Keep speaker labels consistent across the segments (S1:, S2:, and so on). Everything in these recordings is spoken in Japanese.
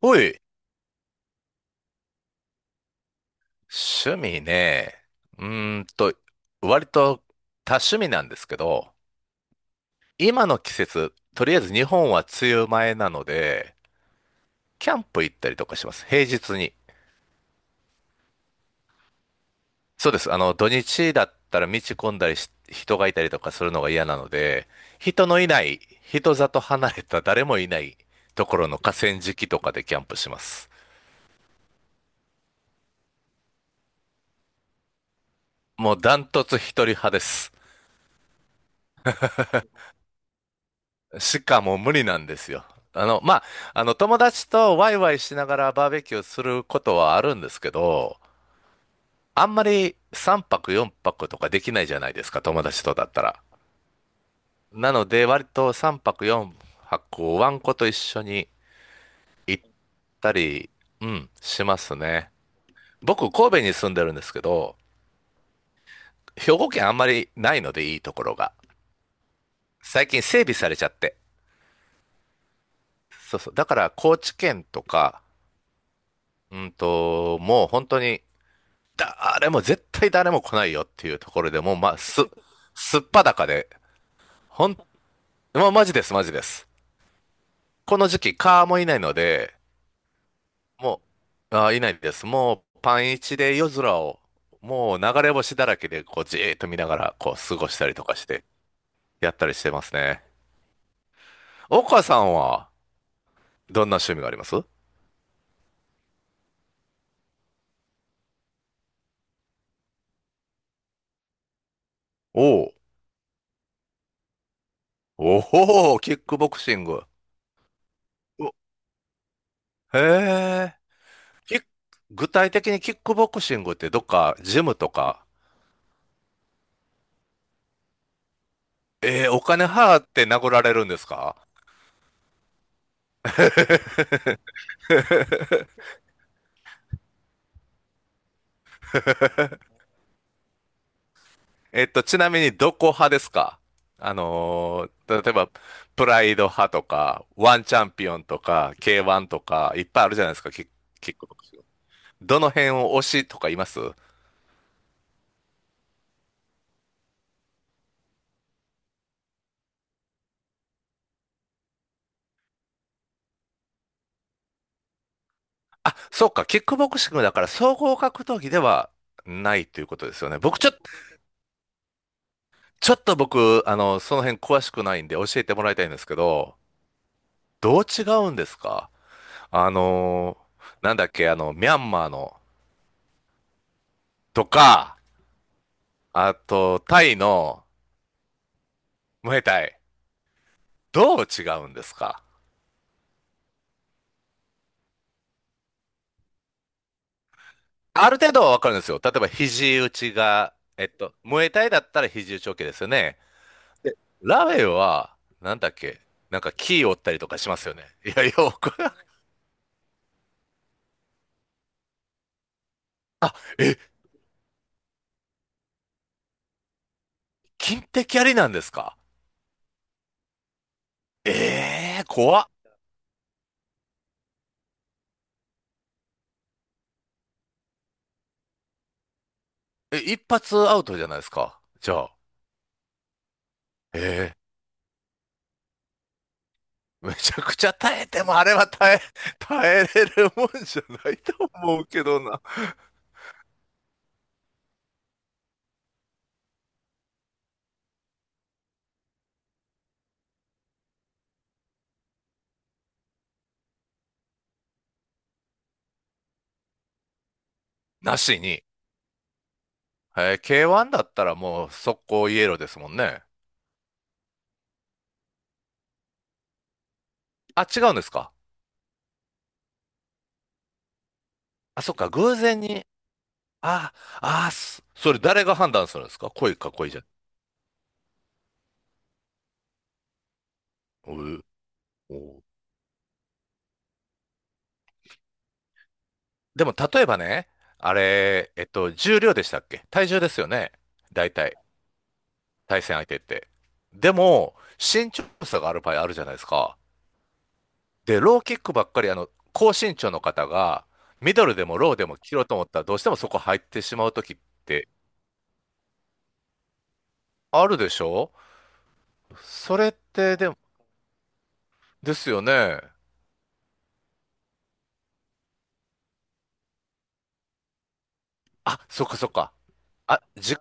S1: おい、趣味ね。うーんと、割と多趣味なんですけど、今の季節、とりあえず日本は梅雨前なので、キャンプ行ったりとかします。平日に。そうです。土日だったら道混んだりし、人がいたりとかするのが嫌なので、人のいない、人里離れた誰もいないところの河川敷とかでキャンプします。もうダントツ一人派です。しかもう無理なんですよ。あの、まあ、友達とワイワイしながらバーベキューすることはあるんですけど、あんまり3泊4泊とかできないじゃないですか、友達とだったら。なので、割と3泊4泊をワンコと一緒に行ったり、うん、しますね。僕、神戸に住んでるんですけど、兵庫県あんまりないのでいいところが。最近整備されちゃって。そうそう。だから、高知県とか、もう本当に、誰も、絶対誰も来ないよっていうところでもう、すっぱだかで、ほん、まあ、マジです、マジです。この時期、蚊もいないので、もう、あー、いないです。もう、パン一で夜空を、もう流れ星だらけで、こう、じーっと見ながら、こう、過ごしたりとかして、やったりしてますね。岡さんは、どんな趣味があります？おう、おおー、キックボクシング。お、へえ。キック具体的にキックボクシングってどっかジムとか？えー、お金払って殴られるんですか？ ちなみにどこ派ですか？例えば、プライド派とか、ワンチャンピオンとか、K1 とか、いっぱいあるじゃないですか、キックボクシング。どの辺を推しとかいます？あ、そうか、キックボクシングだから総合格闘技ではないということですよね。僕、ちょ、ちょっと僕、その辺詳しくないんで教えてもらいたいんですけど、どう違うんですか？あのーなんだっけ、ミャンマーの、とか、あと、タイのムエタイ、どう違うんですか？ある程度はわかるんですよ。例えば、肘打ちが、ムエタイだったら肘打ち OK ですよね。でラウェイは、なんだっけ、なんか、キー折ったりとかしますよね。いやいや、これ、あ、え、金的ありなんですか？ええー、怖っ。え、一発アウトじゃないですか。じゃあ、え、えめちゃくちゃ耐えても、あれは耐え、耐えれるもんじゃないと思うけどな。なしに。えー K1 だったらもう速攻イエローですもんね。あ、違うんですか？あ、そっか、偶然に。あ、それ誰が判断するんですか？恋か恋じゃ。う、お、でも、例えばね、あれ、えっと、重量でしたっけ？体重ですよね。大体、対戦相手って。でも、身長差がある場合あるじゃないですか。で、ローキックばっかり、あの、高身長の方が、ミドルでもローでも切ろうと思ったら、どうしてもそこ入ってしまう時ってあるでしょ？それって、で、ですよね。あ、そっかそっか。あ、じ、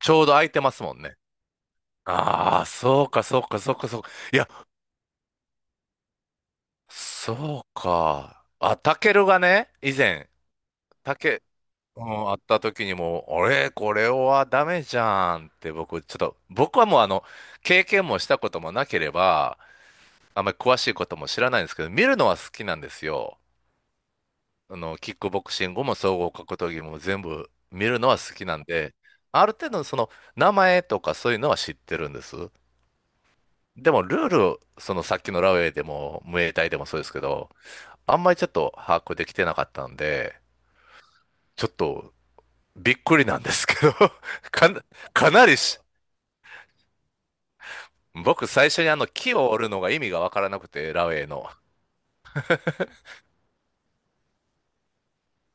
S1: ちょうど空いてますもんね。ああ、そうかそうかそうかそうか。いや、そうか。あ、タケルがね、以前、タケ、うん、あった時にも、俺、これはダメじゃんって僕、ちょっと、僕はもうあの、経験もしたこともなければ、あんまり詳しいことも知らないんですけど、見るのは好きなんですよ。あの、キックボクシングも総合格闘技も全部見るのは好きなんで、ある程度その名前とかそういうのは知ってるんです。でもルール、そのさっきのラウェイでも、ムエタイでもそうですけど、あんまりちょっと把握できてなかったんで、ちょっとびっくりなんですけど かな、かなりし、僕最初にあの木を折るのが意味がわからなくて、ラウェイの。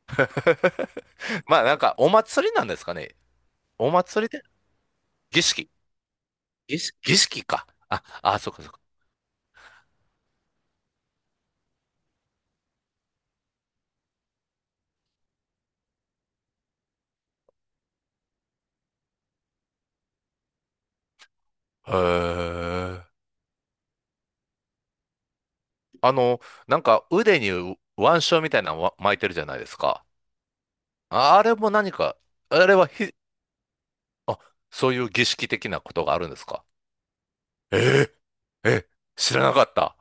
S1: まあなんかお祭りなんですかね。お祭りで儀式、儀式か。あ、あ、そうかそうか。へえ。あの、なんか腕に腕章みたいなのわ巻いてるじゃないですか。ああれも何か、あれはひ、あ、そういう儀式的なことがあるんですか？えええ、知らなかった。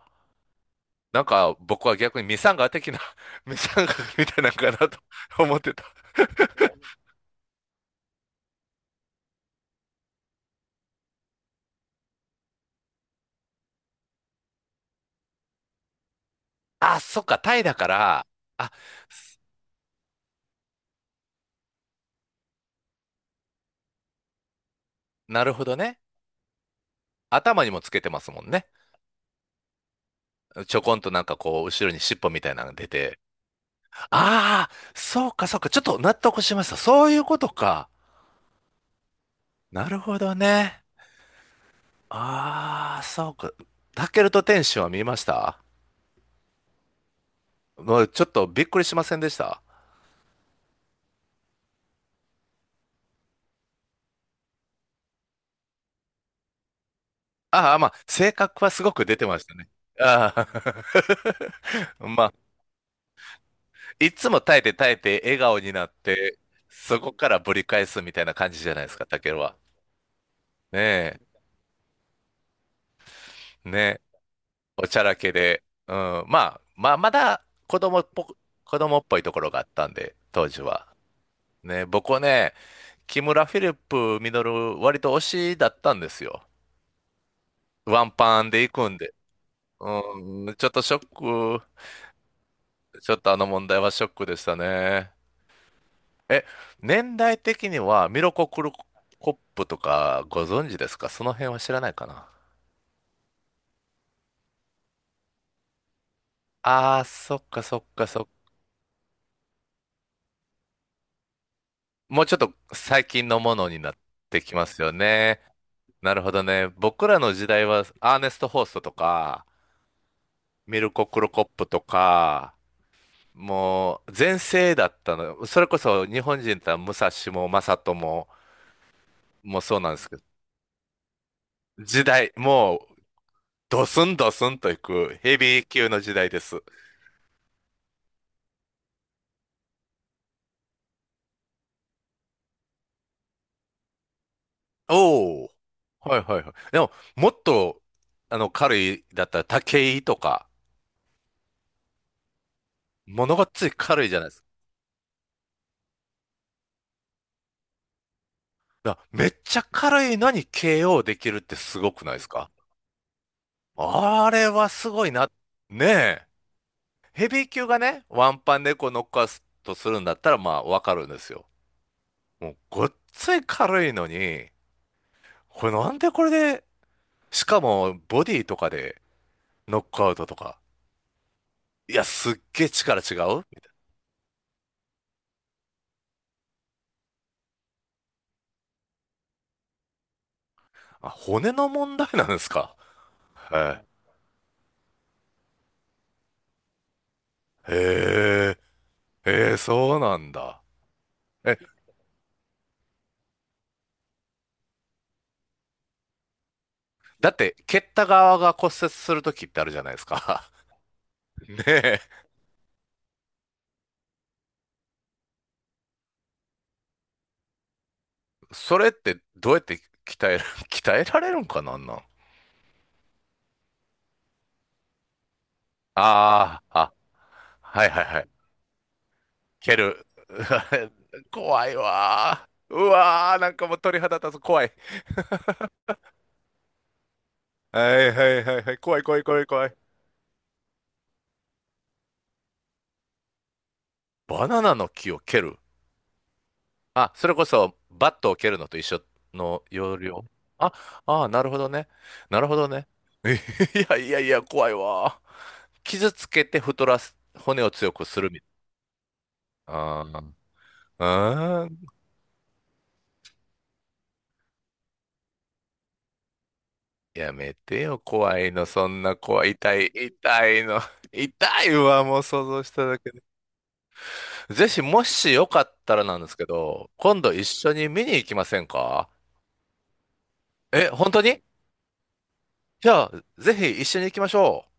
S1: なんか僕は逆にミサンガ的な、ミサンガみたいなのかなと 思ってた。あ、そっか、タイだから、あ、なるほどね。頭にもつけてますもんね。ちょこんとなんかこう、後ろに尻尾みたいなのが出て、ああ、そうか、そうか。ちょっと納得しました。そういうことか。なるほどね。ああ、そうか。タケルと天使は見ました？もうちょっとびっくりしませんでした？ああ、まあ、性格はすごく出てましたね。ああ、まあ、いつも耐えて耐えて笑顔になって、そこからぶり返すみたいな感じじゃないですか、タケルは。ねえ、ねえ、おちゃらけで。うん、まあ、まあ、まだ子供っぽく、子供っぽいところがあったんで、当時は。ね、僕はね、木村フィリップミドル割と推しだったんですよ。ワンパンで行くんで。うん、ちょっとショック、ちょっとあの問題はショックでしたね。え、年代的にはミロコ・クルコップとかご存知ですか？その辺は知らないかな。ああー、そっかそっかそっか。もうちょっと最近のものになってきますよね。なるほどね。僕らの時代はアーネスト・ホーストとか、ミルコ・クルコップとか、もう全盛だったの。それこそ日本人だったら武蔵も正人も、もうそうなんですけど、時代、もうドスンドスンといくヘビー級の時代です。おお。はいはいはい。でも、もっと、あの、軽いだったら武井とか、ものがつい軽いじゃないですか。だからめっちゃ軽いのに KO できるってすごくないですか？あれはすごいな。ねえ。ヘビー級がね、ワンパン猫乗っノックアウトするんだったら、まあ、わかるんですよ。もうごっつい軽いのに、これなんでこれで、しかもボディとかでノックアウトとか。いや、すっげえ力違うみたいな。あ、骨の問題なんですか。はい。へえ、えー、そうなんだ。え、だって、蹴った側が骨折するときってあるじゃないですか。ねえ、それってどうやって鍛える、鍛えられるんかなんなん？ああー、あ、はいはいはい。蹴る。怖いわー。うわー、なんかもう鳥肌立つ。怖い。はいはいはいはい。怖い怖い怖い怖い。バナナの木を蹴る。あ、それこそバットを蹴るのと一緒の要領。あ、ああ、なるほどね。なるほどね。いやいやいや、怖いわー。傷つけて太らす、骨を強くするみたいな。あーあー、やめてよ、怖いの。そんな怖い。痛い、痛いの。痛いわ、もう想像しただけ。ぜひ、もしよかったらなんですけど、今度一緒に見に行きませんか？え、本当に？じゃあ、ぜひ一緒に行きましょう。